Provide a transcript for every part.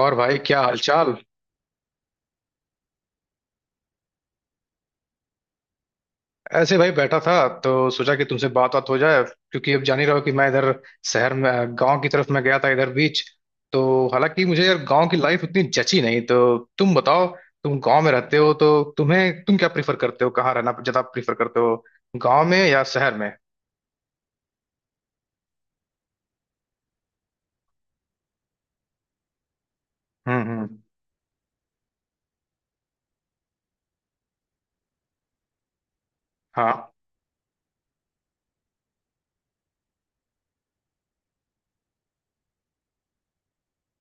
और भाई क्या हालचाल। ऐसे भाई बैठा था तो सोचा कि तुमसे बात बात हो जाए क्योंकि अब जान ही रहे हो कि मैं इधर शहर में, गांव की तरफ मैं गया था इधर बीच। तो हालांकि मुझे यार गांव की लाइफ उतनी जची नहीं। तो तुम बताओ, तुम गांव में रहते हो तो तुम क्या प्रीफर करते हो, कहाँ रहना ज्यादा प्रीफर करते हो, गांव में या शहर में? हम्म। हाँ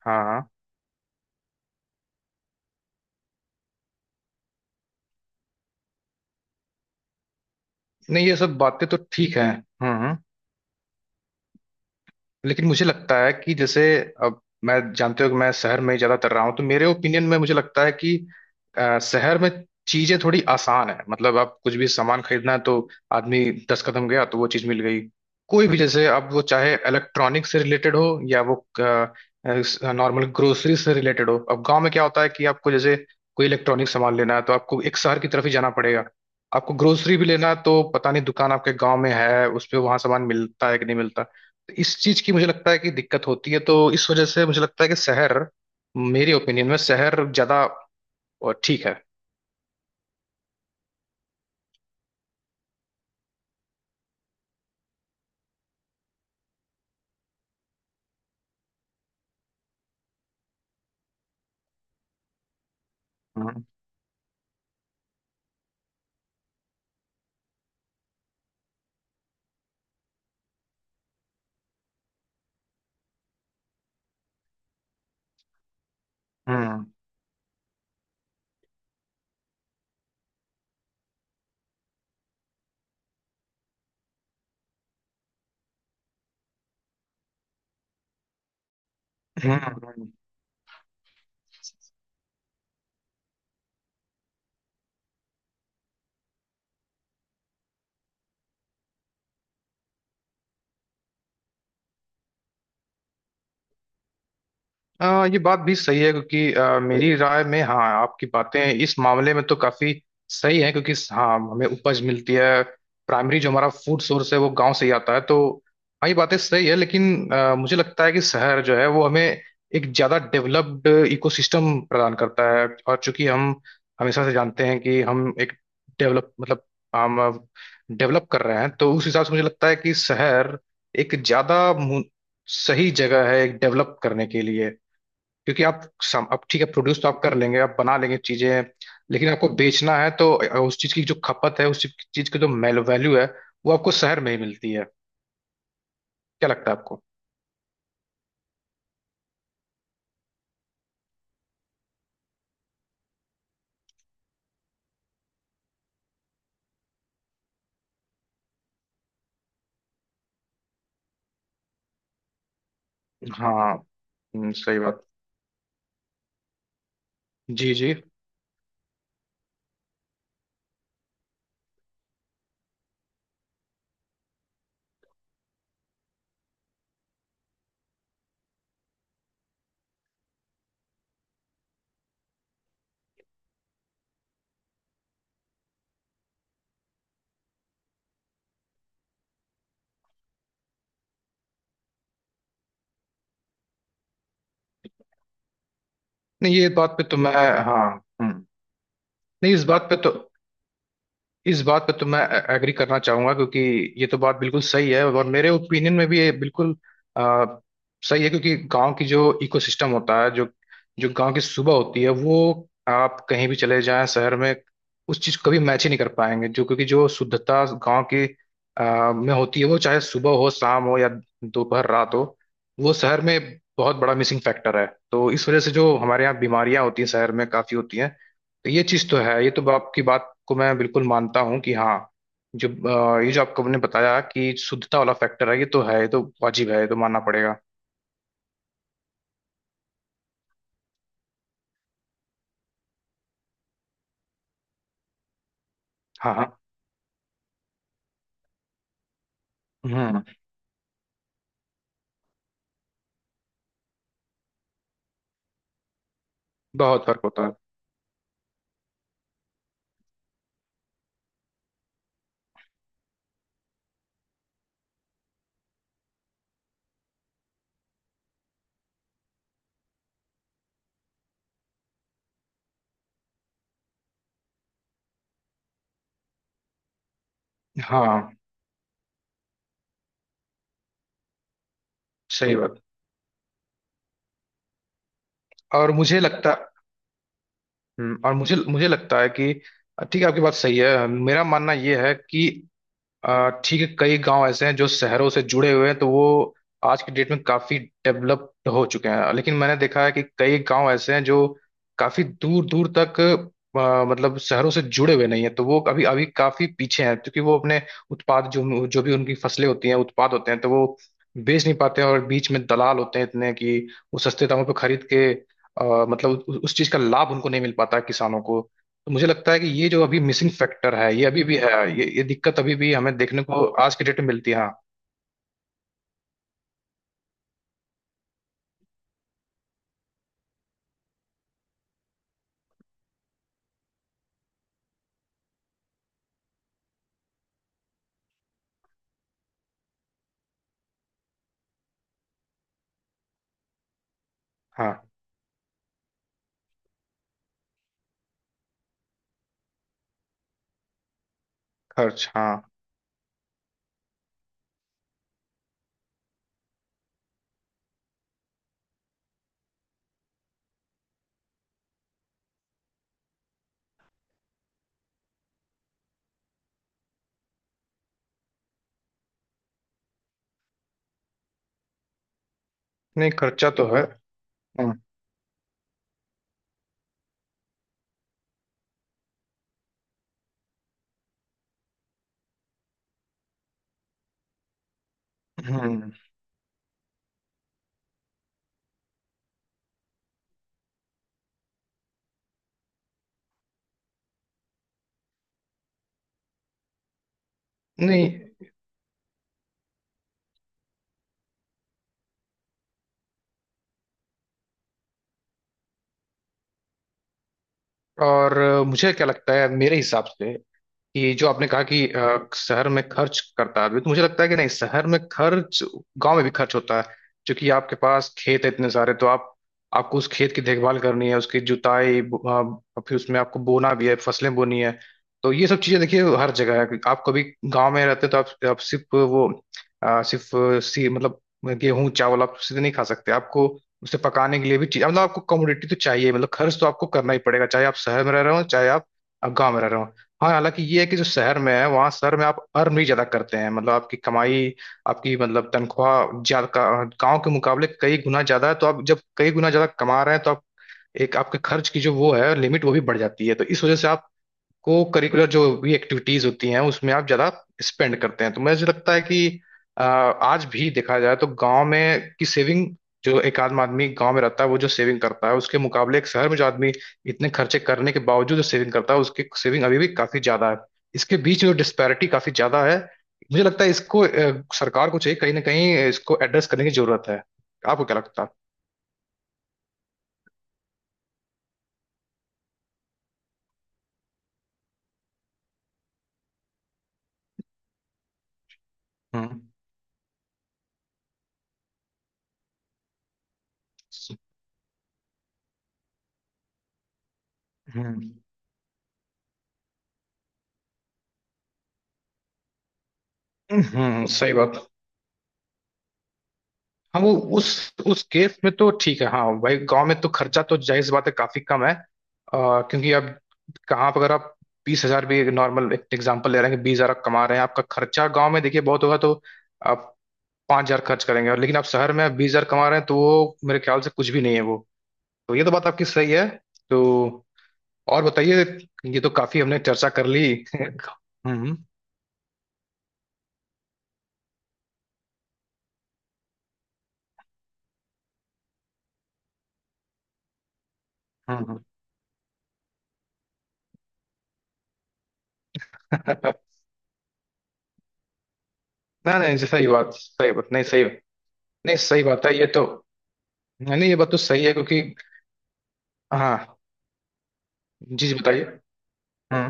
हाँ हाँ। नहीं ये सब बातें तो ठीक है। हम्म। लेकिन मुझे लगता है कि जैसे अब मैं, जानते हो कि मैं शहर में ही ज्यादातर रहा हूँ, तो मेरे ओपिनियन में मुझे लगता है कि शहर में चीजें थोड़ी आसान है। मतलब आप कुछ भी सामान खरीदना है तो आदमी दस कदम गया तो वो चीज मिल गई, कोई भी, जैसे अब वो चाहे इलेक्ट्रॉनिक से रिलेटेड हो या वो नॉर्मल ग्रोसरी से रिलेटेड हो। अब गांव में क्या होता है कि आपको जैसे कोई इलेक्ट्रॉनिक सामान लेना है तो आपको एक शहर की तरफ ही जाना पड़ेगा। आपको ग्रोसरी भी लेना है तो पता नहीं दुकान आपके गांव में है उस पे, वहां सामान मिलता है कि नहीं मिलता। इस चीज की मुझे लगता है कि दिक्कत होती है, तो इस वजह से मुझे लगता है कि शहर, मेरे ओपिनियन में शहर ज्यादा ठीक है। हम्म हम्म। हम्म, हम्म। ये बात भी सही है क्योंकि मेरी राय में, हाँ, आपकी बातें इस मामले में तो काफी सही है, क्योंकि हाँ हमें उपज मिलती है, प्राइमरी जो हमारा फूड सोर्स है वो गांव से ही आता है। तो हाँ ये बातें सही है, लेकिन मुझे लगता है कि शहर जो है वो हमें एक ज्यादा डेवलप्ड इकोसिस्टम प्रदान करता है। और चूंकि हम हमेशा से जानते हैं कि हम एक डेवलप मतलब हम डेवलप कर रहे हैं, तो उस हिसाब से मुझे लगता है कि शहर एक ज्यादा सही जगह है एक डेवलप करने के लिए। क्योंकि आप अब ठीक है प्रोड्यूस तो आप कर लेंगे, आप बना लेंगे चीजें, लेकिन आपको बेचना है तो उस चीज की जो खपत है, उस चीज की जो वैल्यू है, वो आपको शहर में ही मिलती है। क्या लगता है आपको? हाँ। सही बात। जी जी। नहीं, ये बात पे तो मैं, हाँ, हम्म, नहीं, इस बात पे तो, इस बात पर तो मैं एग्री करना चाहूंगा, क्योंकि ये तो बात बिल्कुल सही है और मेरे ओपिनियन में भी ये बिल्कुल आ, सही है। क्योंकि गांव की जो इकोसिस्टम होता है, जो जो गांव की सुबह होती है, वो, आप कहीं भी चले जाएं शहर में उस चीज को कभी मैच ही नहीं कर पाएंगे। जो, क्योंकि जो शुद्धता गांव की में होती है, वो, चाहे सुबह हो शाम हो या दोपहर रात हो, वो शहर में बहुत बड़ा मिसिंग फैक्टर है। तो इस वजह से जो हमारे यहाँ बीमारियां होती हैं, शहर में काफी होती हैं। ये चीज तो है, ये तो आपकी बात को मैं बिल्कुल मानता हूँ कि हाँ। जो ये जो आपको आपने बताया कि शुद्धता वाला फैक्टर है, ये तो है, ये तो वाजिब है, ये तो मानना पड़ेगा। हाँ हाँ। हम्म। बहुत फर्क होता है। हाँ सही बात। और मुझे लगता और मुझे मुझे लगता है कि ठीक है आपकी बात सही है, मेरा मानना ये है कि ठीक है, कई गांव ऐसे हैं जो शहरों से जुड़े हुए हैं, तो वो आज की डेट में काफी डेवलप्ड हो चुके हैं। लेकिन मैंने देखा है कि कई गांव ऐसे हैं जो काफी दूर दूर तक मतलब शहरों से जुड़े हुए नहीं है, तो वो अभी अभी काफी पीछे हैं, क्योंकि वो अपने उत्पाद, जो जो भी उनकी फसलें होती हैं उत्पाद होते हैं, तो वो बेच नहीं पाते हैं, और बीच में दलाल होते हैं इतने कि वो सस्ते दामों पर खरीद के मतलब उस चीज का लाभ उनको नहीं मिल पाता है, किसानों को। तो मुझे लगता है कि ये जो अभी मिसिंग फैक्टर है ये अभी भी है, ये दिक्कत अभी भी हमें देखने को आज की डेट में मिलती है, हाँ। हाँ। खर्च, हाँ। नहीं, खर्चा तो है। हम्म हम्म, नहीं। और मुझे क्या लगता है, मेरे हिसाब से, ये जो आपने कहा कि शहर में खर्च करता है आदमी, तो मुझे लगता है कि नहीं, शहर में खर्च, गांव में भी खर्च होता है। क्योंकि आपके पास खेत है इतने सारे, तो आप आपको उस खेत की देखभाल करनी है, उसकी जुताई फिर उसमें आपको बोना भी है, फसलें बोनी है। तो ये सब चीजें देखिए हर जगह है कि आप कभी गांव में रहते हैं तो आप सिर्फ वो सिर्फ सी मतलब गेहूं चावल आप सीधे नहीं खा सकते, आपको उसे पकाने के लिए भी चीज मतलब आपको कमोडिटी तो चाहिए। मतलब खर्च तो आपको करना ही पड़ेगा, चाहे आप शहर में रह रहे हो चाहे आप गाँव में रह रहे हो। हाँ, हालांकि ये है कि जो शहर में है, वहाँ शहर में आप अर्न भी ज्यादा करते हैं। मतलब आपकी कमाई, आपकी मतलब तनख्वाह ज्यादा, गांव के मुकाबले कई गुना ज्यादा है। तो आप जब कई गुना ज्यादा कमा रहे हैं तो आप, एक आपके खर्च की जो वो है लिमिट वो भी बढ़ जाती है, तो इस वजह से आप को करिकुलर जो भी एक्टिविटीज होती हैं उसमें आप ज्यादा स्पेंड करते हैं। तो मुझे लगता है कि आज भी देखा जाए तो गांव में की सेविंग, जो एक आदमी गांव में रहता है वो जो सेविंग करता है, उसके मुकाबले एक शहर में जो आदमी इतने खर्चे करने के बावजूद जो सेविंग करता है, उसकी सेविंग अभी भी काफी ज्यादा है। इसके बीच जो डिस्पैरिटी काफी ज्यादा है, मुझे लगता है इसको सरकार को चाहिए, कहीं ना कहीं इसको एड्रेस करने की जरूरत है। आपको क्या लगता है? हम्म हम्म। हम्म, सही बात। हाँ, वो, उस उस केस में तो ठीक है। हाँ भाई, गांव में तो खर्चा तो जाहिर सी बात है काफी कम है। क्योंकि अब कहाँ पर, अगर आप 20,000 भी, नॉर्मल एक एग्जांपल ले रहे हैं कि 20,000 आप कमा रहे हैं, आपका खर्चा गांव में देखिए बहुत होगा, तो आप 5,000 खर्च करेंगे। और लेकिन आप शहर में 20,000 कमा रहे हैं तो वो मेरे ख्याल से कुछ भी नहीं है। वो तो, ये तो बात आपकी सही है। तो और बताइए, ये तो काफी हमने चर्चा कर ली। हम्म हम्म। ना, नहीं, सही बात, सही बात, नहीं सही। नहीं सही बात है ये तो। नहीं नहीं, ये बात तो सही है, क्योंकि हाँ। जी जी बताइए। हाँ।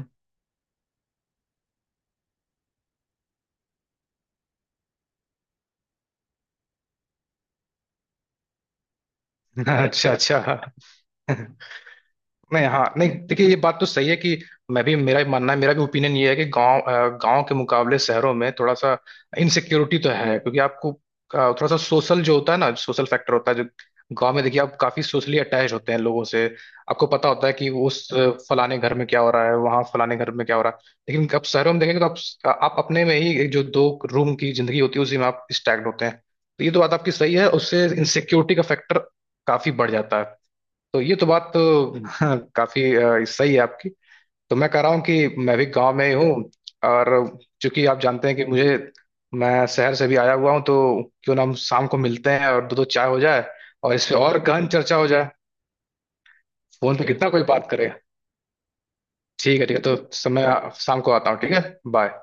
अच्छा अच्छा। नहीं, हाँ, नहीं, देखिए ये बात तो सही है कि, मैं भी, मेरा भी मानना है, मेरा भी ओपिनियन ये है कि गांव, गांव के मुकाबले शहरों में थोड़ा सा इनसिक्योरिटी तो है, क्योंकि आपको थोड़ा सा सोशल जो होता है ना, सोशल फैक्टर होता है, जो गांव में देखिए आप काफी सोशली अटैच होते हैं लोगों से। आपको पता होता है कि उस फलाने घर में क्या हो रहा है, वहाँ फलाने घर में क्या हो रहा है, लेकिन आप शहरों में देखेंगे तो आप अपने में ही, एक जो दो रूम की जिंदगी होती है उसी में आप स्टैग्ड होते हैं। तो ये तो बात आपकी सही है, उससे इनसिक्योरिटी का फैक्टर काफी बढ़ जाता है। तो ये तो बात तो काफी सही है आपकी। तो मैं कह रहा हूँ कि मैं भी गांव में ही हूँ, और चूंकि आप जानते हैं कि मुझे मैं शहर से भी आया हुआ हूँ, तो क्यों ना हम शाम को मिलते हैं और दो दो चाय हो जाए, और इस पे और गहन चर्चा हो जाए? फोन पे कितना कोई बात करे। ठीक है, ठीक है, तो समय शाम को आता हूँ, ठीक है। बाय।